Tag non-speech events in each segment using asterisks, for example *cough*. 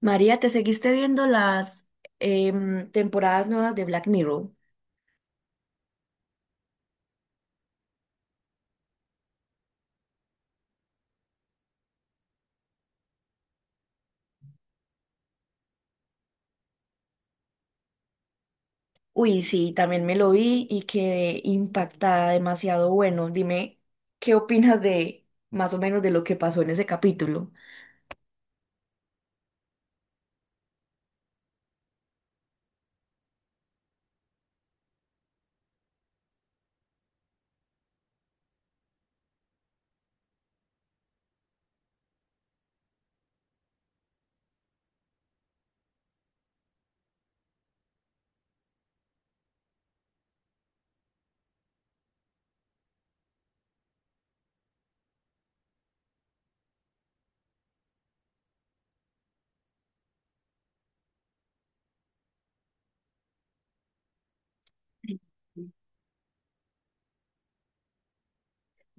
María, ¿te seguiste viendo las temporadas nuevas de Black Mirror? Uy, sí, también me lo vi y quedé impactada, demasiado bueno. Dime, ¿qué opinas de más o menos de lo que pasó en ese capítulo?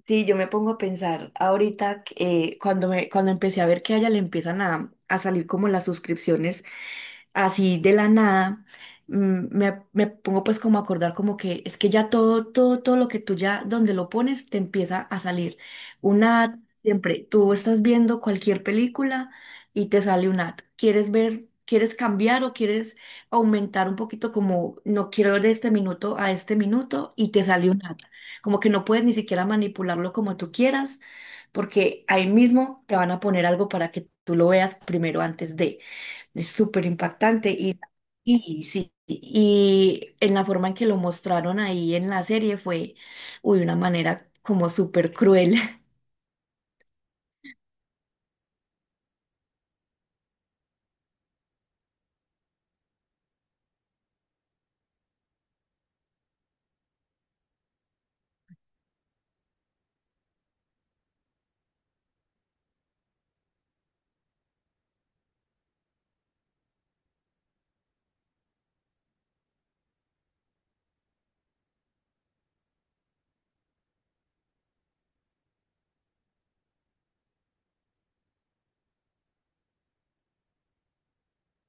Sí, yo me pongo a pensar ahorita que, cuando me, cuando empecé a ver que a ella le empiezan a salir como las suscripciones así de la nada, mm, me pongo pues como a acordar como que es que ya todo, todo, todo lo que tú ya donde lo pones te empieza a salir. Un ad, siempre, tú estás viendo cualquier película y te sale un ad. ¿Quieres ver, quieres cambiar o quieres aumentar un poquito como no quiero de este minuto a este minuto y te sale un ad? Como que no puedes ni siquiera manipularlo como tú quieras, porque ahí mismo te van a poner algo para que tú lo veas primero antes de. Es súper impactante y sí. Y en la forma en que lo mostraron ahí en la serie fue, uy, una manera como súper cruel. *laughs*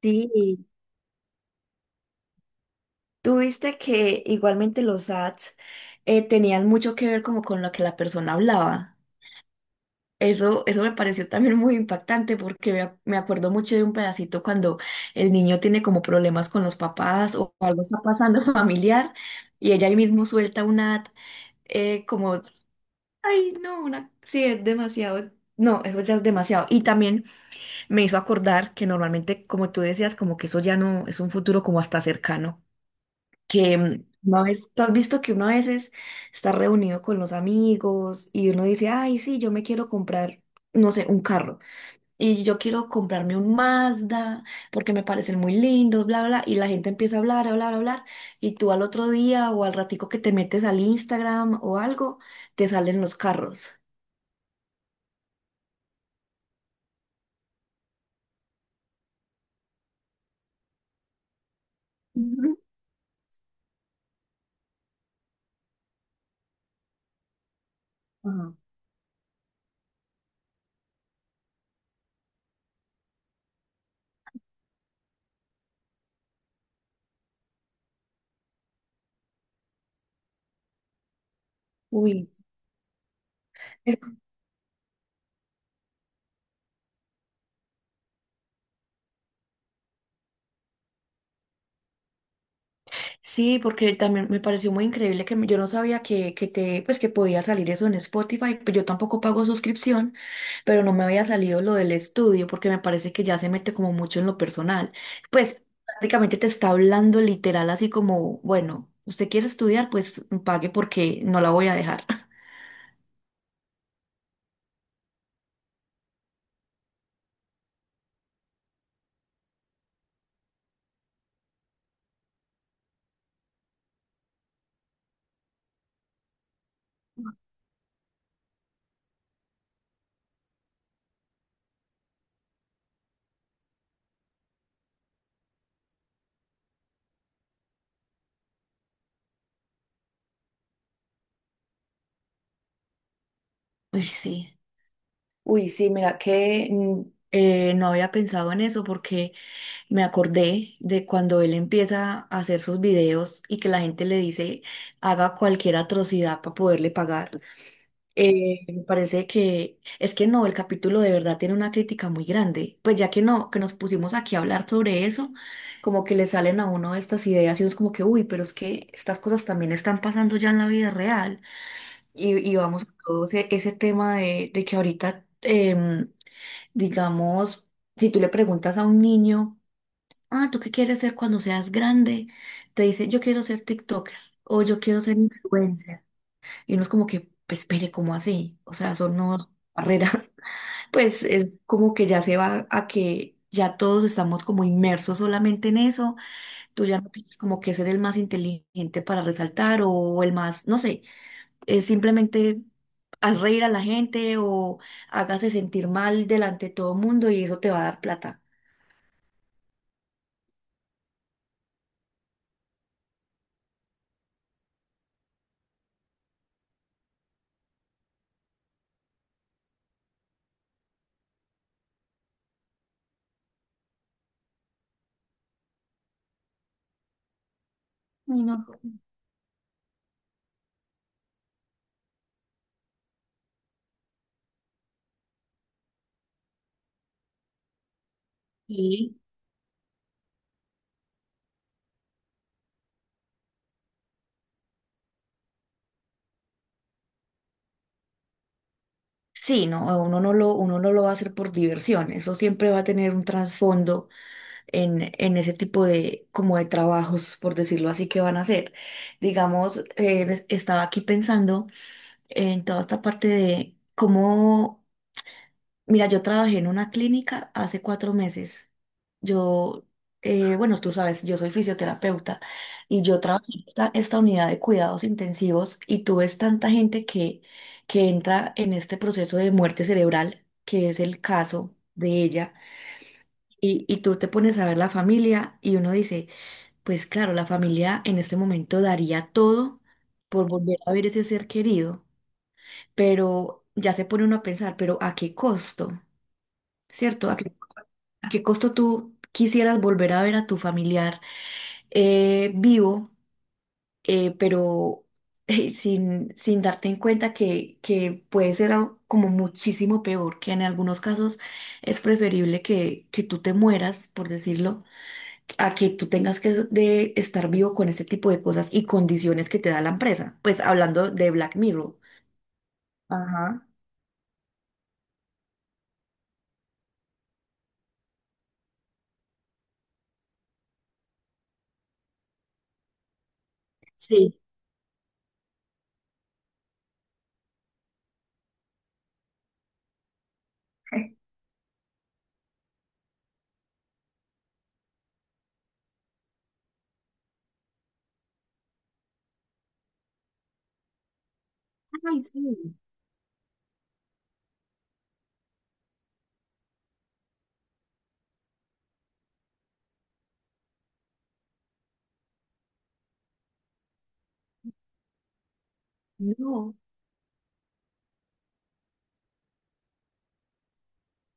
Sí, tú viste que igualmente los ads tenían mucho que ver como con lo que la persona hablaba. Eso me pareció también muy impactante porque me acuerdo mucho de un pedacito cuando el niño tiene como problemas con los papás o algo está pasando *laughs* familiar y ella ahí mismo suelta una eh, como, ay, no, una, sí, es demasiado, no, eso ya es demasiado. Y también me hizo acordar que normalmente, como tú decías, como que eso ya no es un futuro como hasta cercano, que mm, una vez, tú has visto que uno a veces está reunido con los amigos y uno dice, ay, sí, yo me quiero comprar, no sé, un carro. Y yo quiero comprarme un Mazda porque me parecen muy lindos, bla, bla, bla, y la gente empieza a hablar, a hablar, a hablar, y tú al otro día o al ratico que te metes al Instagram o algo, te salen los carros. Ujú. Ajá. Uy, sí, porque también me pareció muy increíble que me- yo no sabía que te, pues que podía salir eso en Spotify, pues yo tampoco pago suscripción, pero no me había salido lo del estudio porque me parece que ya se mete como mucho en lo personal. Pues prácticamente te está hablando literal así como, bueno, usted quiere estudiar, pues pague porque no la voy a dejar. *laughs* Uy, sí. Uy, sí, mira que no había pensado en eso porque me acordé de cuando él empieza a hacer sus videos y que la gente le dice haga cualquier atrocidad para poderle pagar. Me parece que es que no, el capítulo de verdad tiene una crítica muy grande. Pues ya que no, que nos pusimos aquí a hablar sobre eso, como que le salen a uno estas ideas y uno es como que, uy, pero es que estas cosas también están pasando ya en la vida real. Y vamos a todo ese, ese tema de que ahorita, digamos, si tú le preguntas a un niño ah, ¿tú qué quieres ser cuando seas grande? Te dice, yo quiero ser TikToker o yo quiero ser influencer. Y uno es como que, pues, espere, ¿cómo así? O sea, son no barreras. *laughs* Pues es como que ya se va a que ya todos estamos como inmersos solamente en eso. Tú ya no tienes como que ser el más inteligente para resaltar o el más, no sé, simplemente haz reír a la gente o hágase sentir mal delante de todo el mundo y eso te va a dar plata. Ay, no. Sí. Sí, no, uno no lo va a hacer por diversión, eso siempre va a tener un trasfondo en ese tipo de, como de trabajos, por decirlo así, que van a hacer. Digamos, estaba aquí pensando en toda esta parte de cómo. Mira, yo trabajé en una clínica hace 4 meses. Yo, bueno, tú sabes, yo soy fisioterapeuta y yo trabajé en esta unidad de cuidados intensivos y tú ves tanta gente que entra en este proceso de muerte cerebral, que es el caso de ella, y tú te pones a ver la familia y uno dice, pues claro, la familia en este momento daría todo por volver a ver ese ser querido, pero ya se pone uno a pensar, pero ¿a qué costo? ¿Cierto? ¿A qué? ¿A qué costo tú quisieras volver a ver a tu familiar vivo, eh, pero *laughs* sin, sin darte en cuenta que puede ser algo como muchísimo peor, que en algunos casos es preferible que tú te mueras, por decirlo, a que tú tengas que de estar vivo con ese tipo de cosas y condiciones que te da la empresa? Pues hablando de Black Mirror. Ajá, sí. *laughs* Ay, sí. No.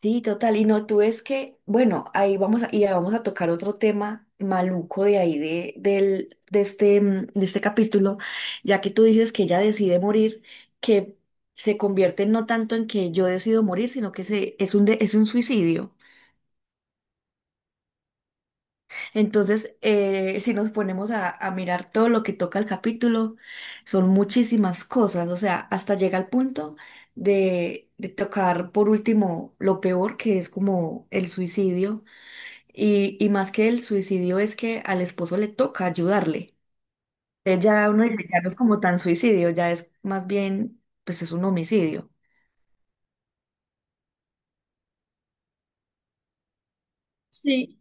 Sí, total. Y no, tú es que, bueno, ahí vamos a, y ya vamos a tocar otro tema maluco de ahí, de, del, de este, de este capítulo, ya que tú dices que ella decide morir, que se convierte no tanto en que yo decido morir, sino que se, es un, de- es un suicidio. Entonces, si nos ponemos a mirar todo lo que toca el capítulo, son muchísimas cosas, o sea, hasta llega al punto de tocar por último lo peor, que es como el suicidio. Y más que el suicidio es que al esposo le toca ayudarle. Ya uno dice, ya no es como tan suicidio, ya es más bien, pues es un homicidio. Sí.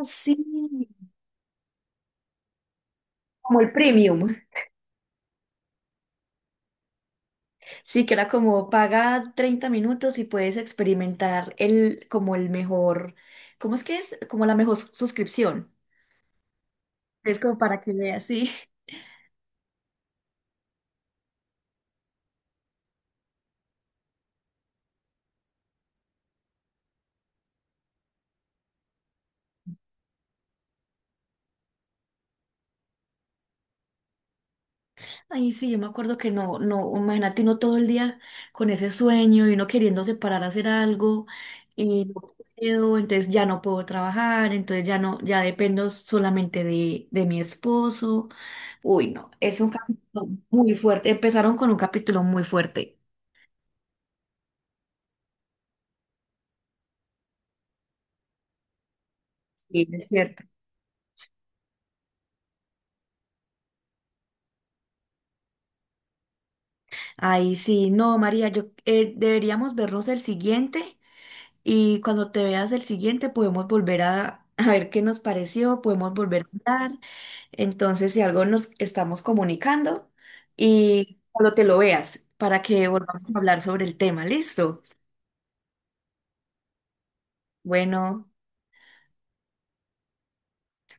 Ah, sí, como el premium. Sí, que era como paga 30 minutos y puedes experimentar el, como el mejor, ¿cómo es que es? Como la mejor suscripción. Es como para que veas, sí. Ay, sí, yo me acuerdo que no, no, imagínate uno todo el día con ese sueño y uno queriéndose parar a hacer algo y no puedo, entonces ya no puedo trabajar, entonces ya no, ya dependo solamente de mi esposo. Uy, no, es un capítulo muy fuerte. Empezaron con un capítulo muy fuerte. Sí, es cierto. Ay, sí, no, María, yo deberíamos vernos el siguiente. Y cuando te veas el siguiente, podemos volver a, *laughs* a ver qué nos pareció, podemos volver a hablar. Entonces, si algo nos estamos comunicando y cuando te lo veas, para que volvamos a hablar sobre el tema, ¿listo? Bueno.